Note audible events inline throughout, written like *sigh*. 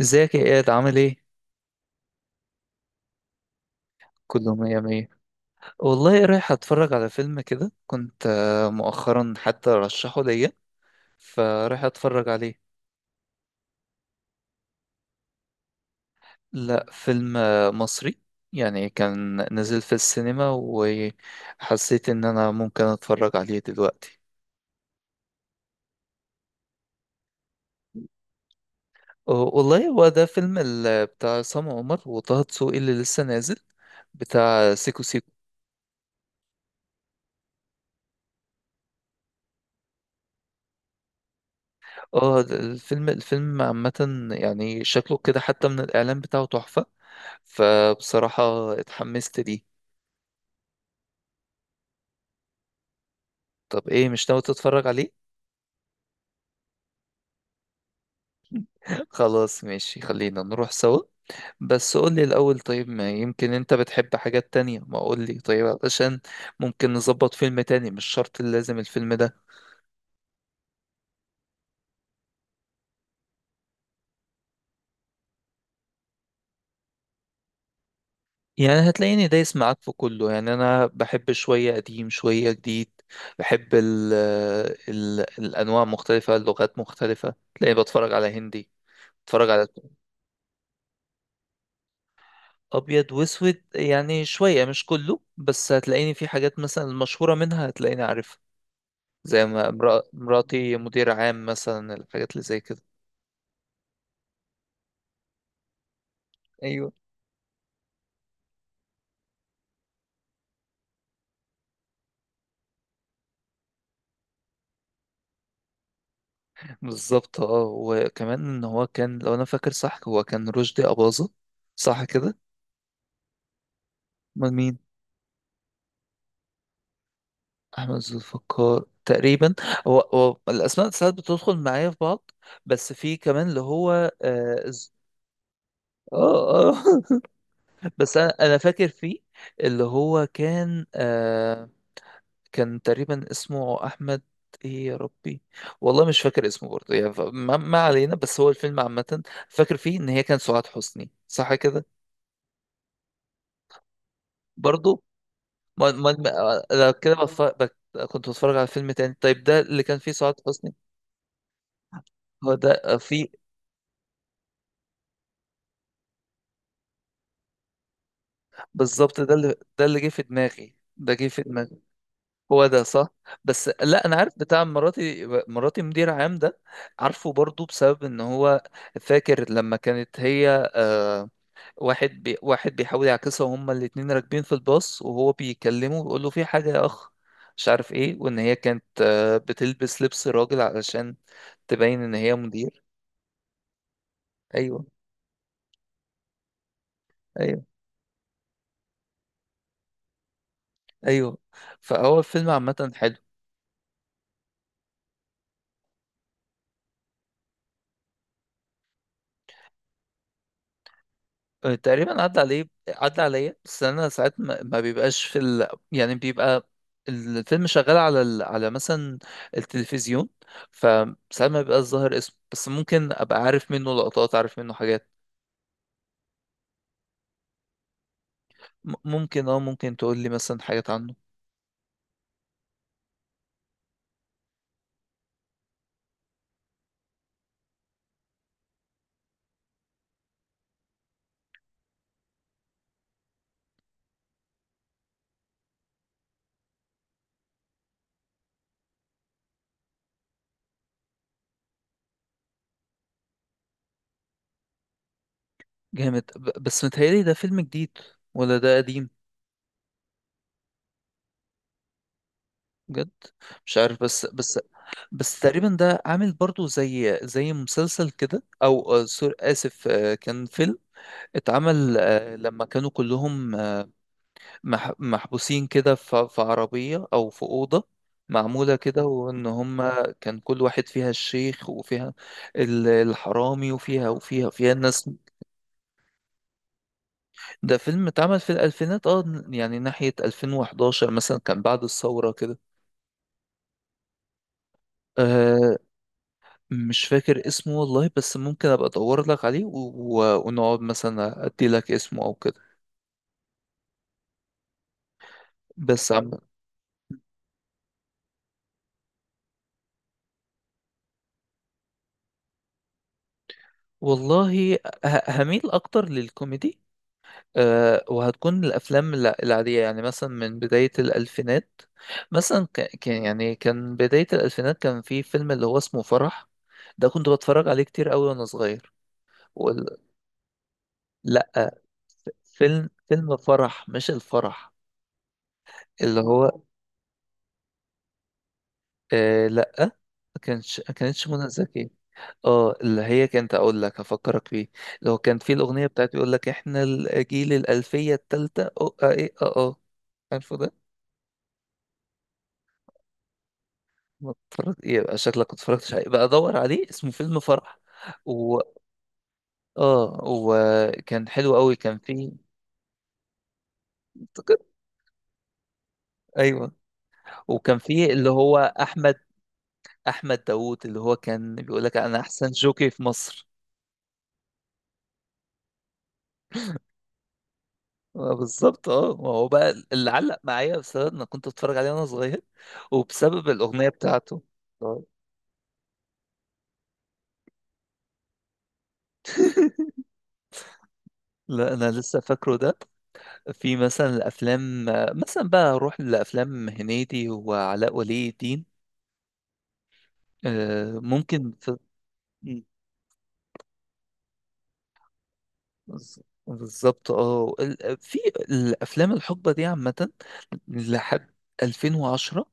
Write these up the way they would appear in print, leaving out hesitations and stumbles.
ازيك يا اياد، عامل ايه؟ كله مية مية. والله رايح اتفرج على فيلم كده، كنت مؤخرا حتى رشحه ليا، فرايح اتفرج عليه. لا، فيلم مصري. يعني كان نزل في السينما وحسيت ان انا ممكن اتفرج عليه دلوقتي. والله هو ده فيلم بتاع عصام عمر وطه دسوقي اللي لسه نازل، بتاع سيكو سيكو. اه الفيلم عامة، يعني شكله كده حتى من الإعلان بتاعه تحفة، فبصراحة اتحمست ليه. طب ايه، مش ناوي تتفرج عليه؟ *laughs* خلاص ماشي، خلينا نروح سوا. بس قولي الأول، طيب ما يمكن انت بتحب حاجات تانية، ما قولي طيب علشان ممكن نظبط فيلم تاني، مش شرط لازم الفيلم ده. يعني هتلاقيني دايس معاك في كله، يعني انا بحب شوية قديم شوية جديد. بحب ال الأنواع مختلفة، اللغات مختلفة، تلاقيني بتفرج على هندي، بتفرج على ابيض واسود. يعني شويه مش كله، بس هتلاقيني في حاجات مثلا المشهوره منها هتلاقيني عارفها، زي ما مراتي مدير عام، مثلا الحاجات اللي زي كده. ايوه، بالظبط. اه وكمان ان هو كان، لو انا فاكر صح، هو كان رشدي اباظه، صح كده؟ امال مين؟ احمد ذو الفقار تقريبا. هو الاسماء ساعات بتدخل معايا في بعض. بس في كمان اللي هو اه ز- اه آه. *laughs* بس انا فاكر فيه، اللي هو كان كان تقريبا اسمه احمد. ايه يا ربي، والله مش فاكر اسمه برضه. يعني ما علينا، بس هو الفيلم عامة فاكر فيه ان هي كان سعاد حسني، صح كده؟ برضه ما ما ما- أنا كده بف- بك- كنت بتفرج على فيلم تاني، طيب ده اللي كان فيه سعاد حسني؟ هو ده فيه؟ بالظبط، ده اللي جه في دماغي هو ده صح. بس لا، انا عارف بتاع مراتي مدير عام ده، عارفه برضه بسبب ان هو، فاكر لما كانت هي آه، واحد بيحاول يعكسها، وهما الاتنين راكبين في الباص، وهو بيكلمه ويقول له في حاجة يا أخ مش عارف إيه، وإن هي كانت بتلبس لبس راجل علشان تبين إن هي مدير. أيوه، أيوه، أيوه، فهو الفيلم عامة حلو. تقريبا عدى عليا، بس أنا ساعات ما بيبقاش في يعني بيبقى الفيلم شغال على على مثلا التلفزيون، فساعات ما بيبقاش ظاهر اسمه، بس ممكن أبقى عارف منه لقطات، عارف منه حاجات. ممكن تقول لي مثلا حاجات عنه. جامد. بس متهيألي ده فيلم جديد ولا ده قديم؟ بجد؟ مش عارف، بس تقريبا ده عامل برضو زي مسلسل كده، او آه، سور اسف آه، كان فيلم اتعمل لما كانوا كلهم محبوسين كده في عربية او في أوضة معمولة كده، وان هما كان كل واحد، فيها الشيخ وفيها الحرامي وفيها فيها الناس. ده فيلم اتعمل في الألفينات، اه يعني ناحية 2011 مثلا، كان بعد الثورة كده. أه، مش فاكر اسمه والله، بس ممكن أبقى أدور لك عليه ونقعد مثلا أدي لك اسمه أو كده. بس عم... والله هميل أكتر للكوميدي. أه، وهتكون الأفلام العادية يعني مثلا من بداية الألفينات، مثلا كان، يعني كان بداية الألفينات كان في فيلم اللي هو اسمه فرح، ده كنت بتفرج عليه كتير أوي وأنا صغير. لا، فيلم فرح، مش الفرح، اللي هو آه لا. ما كانتش منى زكي. اه، اللي هي كانت، اقول لك هفكرك بيه: لو كان في الاغنيه بتاعت يقول لك احنا الجيل الالفيه الثالثه، اه اه ايه اه اه عارفه ده؟ ما اتفرج يبقى، شكلك ما اتفرجتش عليه، بقى ادور عليه، اسمه فيلم فرح. و... اه وكان حلو قوي، كان فيه، افتكر. ايوه، وكان فيه اللي هو احمد، احمد داوود، اللي هو كان بيقول لك انا احسن جوكي في مصر. بالظبط. اه ما هو بقى اللي علق معايا بسبب انا كنت بتفرج عليه وانا صغير، وبسبب الاغنيه بتاعته. آه. *laughs* لا، انا لسه فاكره ده. في مثلا الافلام، مثلا بقى اروح لافلام هنيدي وعلاء ولي الدين. ممكن في. مم. بالظبط. في الافلام الحقبه دي عامه لحد 2010،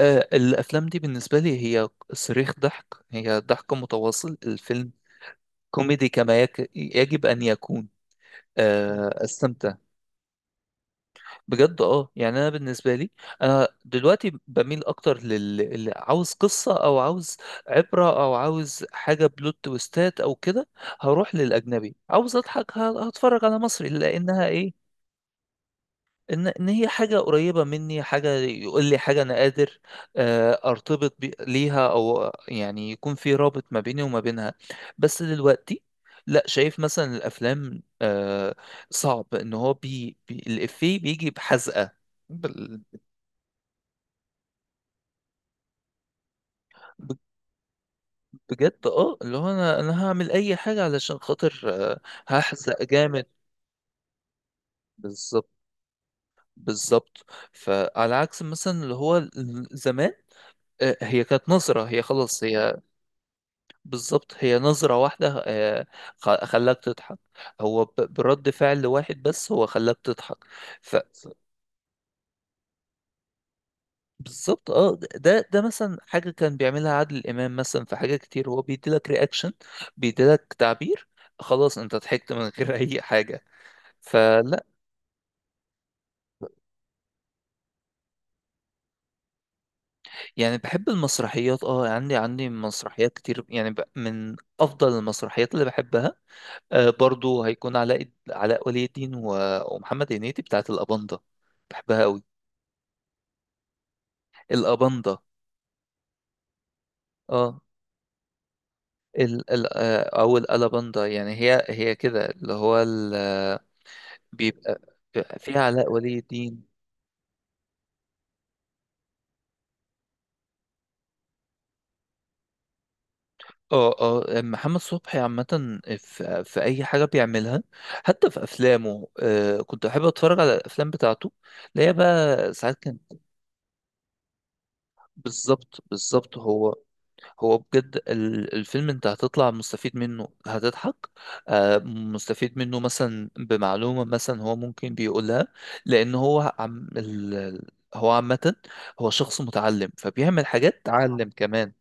الافلام دي بالنسبه لي هي صريخ ضحك، هي ضحك متواصل. الفيلم كوميدي يجب ان يكون. استمتع بجد. اه يعني انا بالنسبه لي، انا دلوقتي بميل اكتر عاوز قصه او عاوز عبره او عاوز حاجه بلوت تويستات او كده. هروح للاجنبي. عاوز اضحك، هتفرج على مصري لانها ايه، ان هي حاجه قريبه مني، حاجه يقول لي حاجه انا قادر ارتبط ليها، او يعني يكون في رابط ما بيني وما بينها. بس دلوقتي لا، شايف مثلا الافلام صعب ان هو بي الافيه بيجي بحزقه بال- ب- بجد. اه اللي هو انا هعمل اي حاجه علشان خاطر هحزق جامد. بالظبط، بالظبط. فعلى عكس مثلا اللي هو زمان، هي كانت نظرة، هي خلاص هي، بالظبط، هي نظرة واحدة خلاك تضحك. هو برد فعل واحد بس هو خلاك تضحك. ف... بالظبط. اه ده مثلا حاجة كان بيعملها عادل إمام مثلا، في حاجة كتير هو بيديلك رياكشن، بيديلك تعبير، خلاص انت ضحكت من غير *laughs* اي حاجة، فلا. يعني بحب المسرحيات، عندي مسرحيات كتير، يعني من افضل المسرحيات اللي بحبها برضو هيكون علاء ولي الدين ومحمد هنيدي، بتاعت الأباندا، بحبها قوي. الأباندا، اه، ال ال آه، او الالاباندا، يعني هي كده اللي هو ال آه، بيبقى، فيها علاء ولي الدين. اه محمد صبحي عامة في أي حاجة بيعملها، حتى في أفلامه كنت أحب أتفرج على الأفلام بتاعته، اللي هي بقى ساعات كان. بالظبط، بالظبط. هو هو بجد الفيلم انت هتطلع مستفيد منه، هتضحك مستفيد منه مثلا بمعلومة مثلا هو ممكن بيقولها، لأن هو عم هو عامة هو شخص متعلم فبيعمل حاجات تعلم كمان.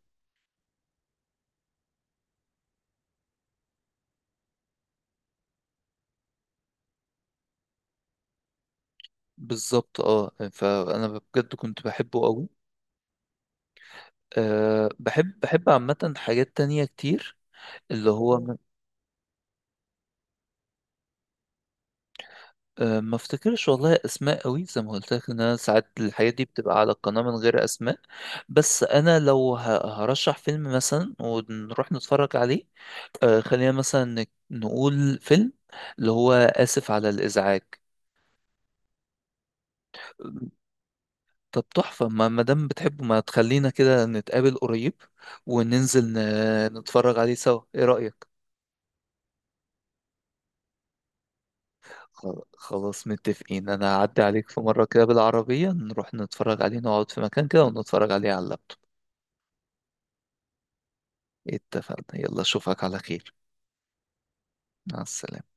بالظبط. اه فأنا بجد كنت بحبه قوي. أه، بحب عامة حاجات تانية كتير، اللي هو أه، ما افتكرش والله اسماء قوي، زي ما قلت لك ان انا ساعات الحاجات دي بتبقى على القناه من غير اسماء. بس انا لو هرشح فيلم مثلا ونروح نتفرج عليه أه، خلينا مثلا نقول فيلم اللي هو اسف على الازعاج. طب تحفه، ما دام بتحبه، ما تخلينا كده نتقابل قريب وننزل نتفرج عليه سوا، ايه رايك؟ خلاص متفقين. انا هعدي عليك في مره كده بالعربيه، نروح نتفرج عليه، نقعد في مكان كده ونتفرج عليه على اللاب. اتفقنا، يلا اشوفك على خير. مع السلامة.